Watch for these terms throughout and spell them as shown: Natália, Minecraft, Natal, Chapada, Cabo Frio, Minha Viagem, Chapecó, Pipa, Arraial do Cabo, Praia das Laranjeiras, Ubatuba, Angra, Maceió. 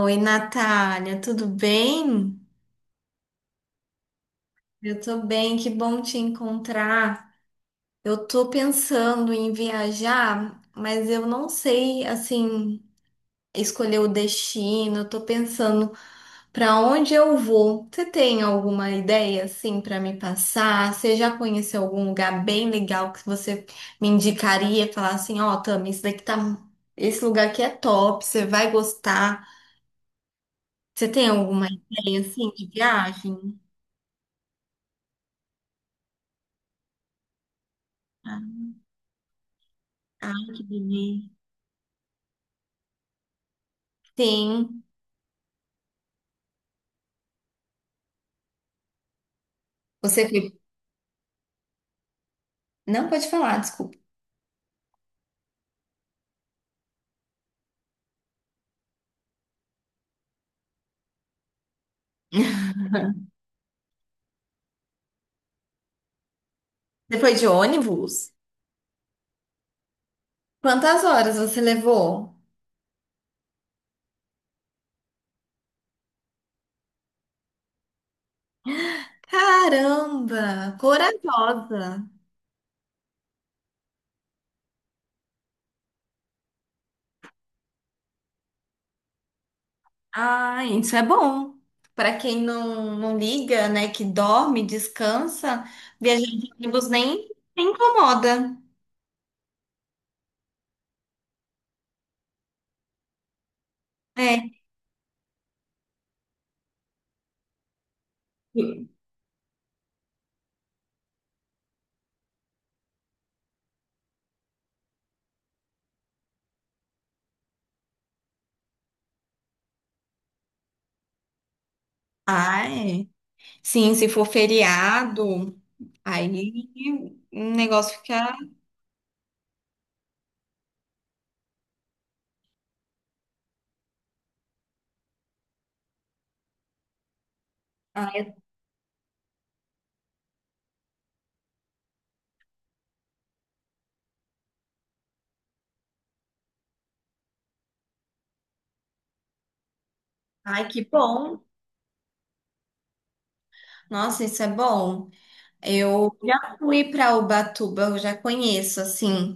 Oi, Natália, tudo bem? Eu tô bem, que bom te encontrar. Eu tô pensando em viajar, mas eu não sei, assim, escolher o destino. Eu tô pensando para onde eu vou. Você tem alguma ideia, assim, para me passar? Você já conheceu algum lugar bem legal que você me indicaria? Falar assim, ó, Tami, isso daqui tá... Esse lugar aqui é top, você vai gostar. Você tem alguma ideia, assim, de viagem? Ai, que delícia. Sim. Você foi. Não pode falar, desculpa. Você foi de ônibus? Quantas horas você levou? Caramba, corajosa. Ah, isso é bom. Para quem não liga, né, que dorme, descansa, viajar de ônibus nem, nem incomoda. É. Ah, é. Sim, se for feriado, aí o negócio fica. Ai, que bom. Nossa, isso é bom. Eu já fui para Ubatuba, eu já conheço, assim.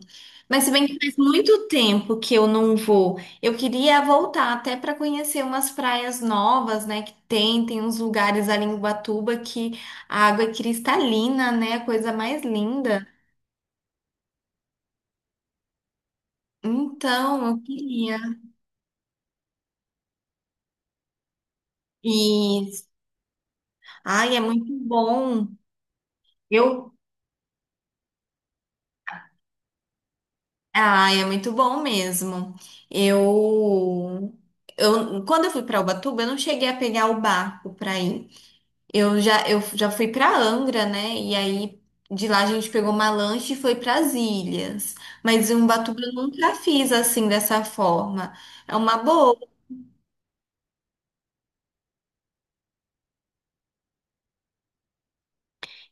Mas se bem que faz muito tempo que eu não vou. Eu queria voltar até para conhecer umas praias novas, né? Que tem uns lugares ali em Ubatuba que a água é cristalina, né? A coisa mais linda. Então, eu queria. Isso. Ai, é muito bom. Eu. Ai, é muito bom mesmo. Eu. Eu, quando eu fui para Ubatuba, eu não cheguei a pegar o barco para ir. Eu já fui pra Angra, né? E aí de lá a gente pegou uma lancha e foi pras ilhas. Mas em Ubatuba eu nunca fiz assim dessa forma. É uma boa.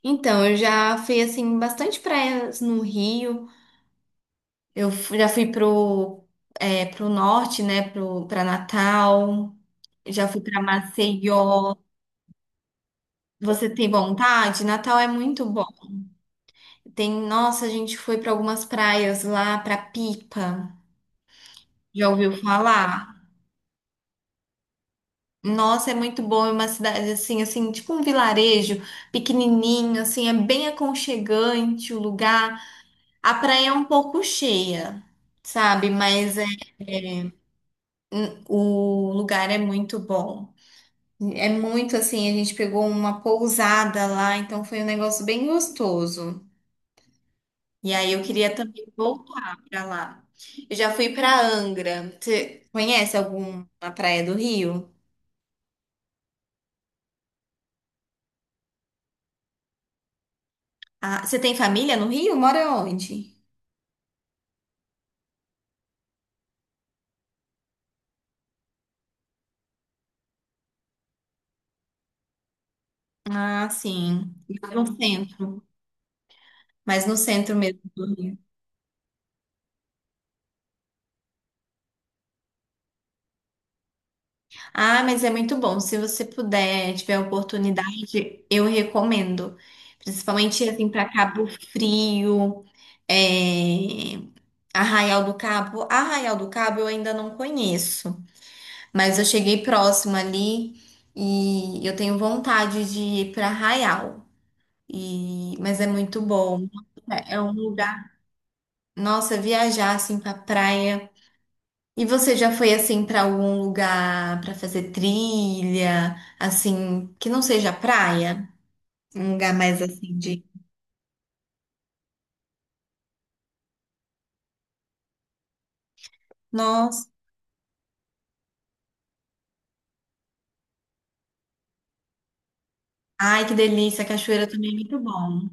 Então, eu já fui assim bastante praias no Rio. Já fui pro pro norte, né, pro para Natal. Já fui pra Maceió. Você tem vontade? Natal é muito bom. Tem, nossa, a gente foi pra algumas praias lá, pra Pipa. Já ouviu falar? Nossa, é muito bom, é uma cidade assim, tipo um vilarejo pequenininho, assim, é bem aconchegante o lugar. A praia é um pouco cheia, sabe? É- o lugar é muito bom. É muito assim, a gente pegou uma pousada lá, então foi um negócio bem gostoso. E aí eu queria também voltar pra lá. Eu já fui pra Angra. Você conhece alguma praia do Rio? Ah, você tem família no Rio? Mora onde? Ah, sim. Lá no centro, mas no centro mesmo do Rio. Ah, mas é muito bom. Se você puder, tiver a oportunidade, eu recomendo. Principalmente assim para Cabo Frio, é, Arraial do Cabo. Arraial do Cabo eu ainda não conheço, mas eu cheguei próximo ali e eu tenho vontade de ir para Arraial. E... Mas é muito bom. É é um lugar. Nossa, viajar assim para praia. E você já foi assim pra algum lugar pra fazer trilha, assim, que não seja praia? Um lugar mais assim de, nossa, ai que delícia, a cachoeira também é muito bom.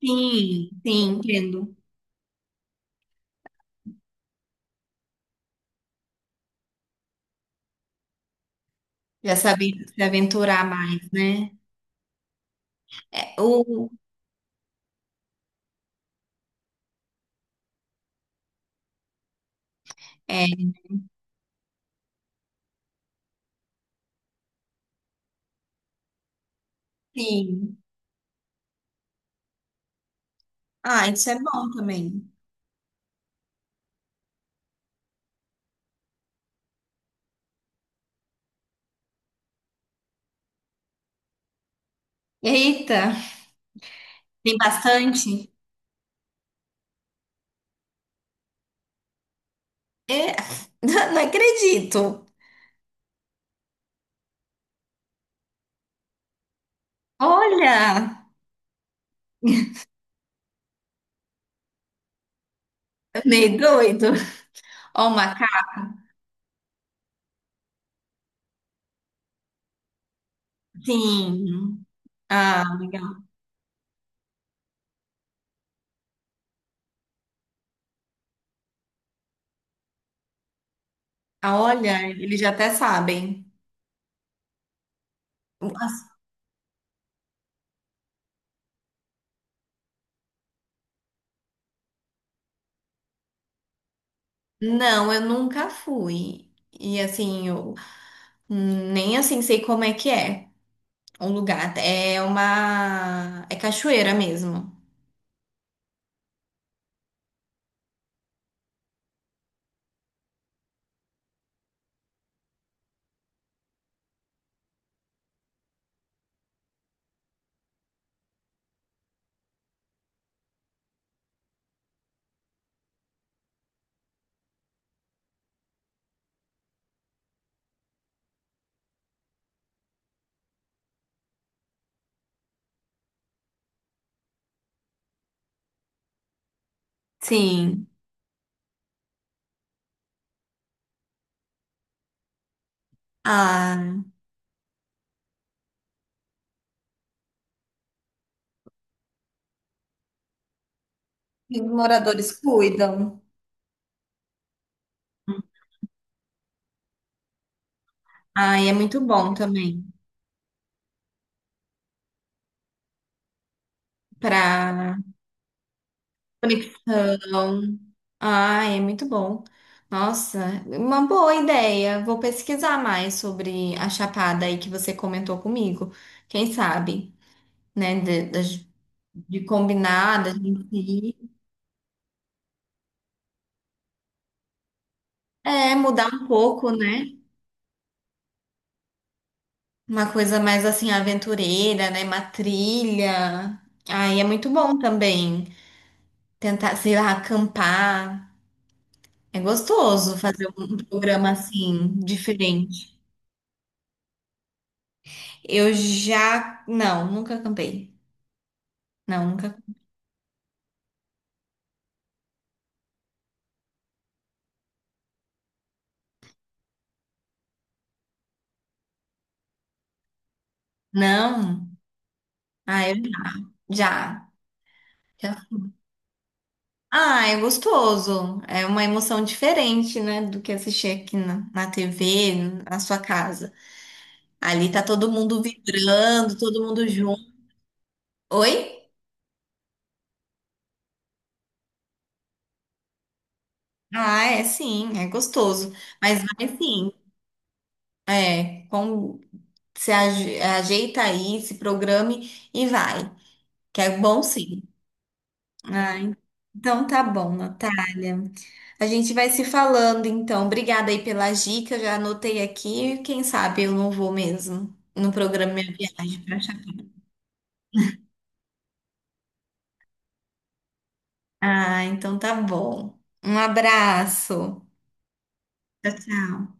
Sim, entendo. Já saber se aventurar mais, né? É, o, é, sim. Ah, isso é bom também. Eita, tem bastante? É, não acredito. Olha, meio doido. Ó, o macaco. Sim. Ah, legal. Ah, olha, eles já até sabem. As- não, eu nunca fui. E assim, eu nem assim sei como é que é o lugar. É uma. É cachoeira mesmo. Sim. Ah, e os moradores cuidam. Ai, é muito bom também. Pra conexão. Ah, é muito bom. Nossa, uma boa ideia. Vou pesquisar mais sobre a Chapada aí que você comentou comigo. Quem sabe? Né? De, das- de combinar, da gente ir. É, mudar um pouco, né? Uma coisa mais assim, aventureira, né? Uma trilha. Aí é muito bom também. Tentar, sei lá, acampar. É gostoso fazer um programa assim, diferente. Eu já. Não, nunca acampei. Não, nunca. Não. Ah, eu já. Já. Ah, é gostoso. É uma emoção diferente, né? Do que assistir aqui na TV, na sua casa. Ali tá todo mundo vibrando, todo mundo junto. Oi? Ah, é sim, é gostoso. Mas vai sim, é. Com, se ajeita aí, se programe e vai. Que é bom sim. Ah, então tá bom, Natália. A gente vai se falando, então. Obrigada aí pelas dicas, já anotei aqui. Quem sabe eu não vou mesmo no programa Minha Viagem pra Chapecó. Ah, então tá bom. Um abraço. Tchau, tchau.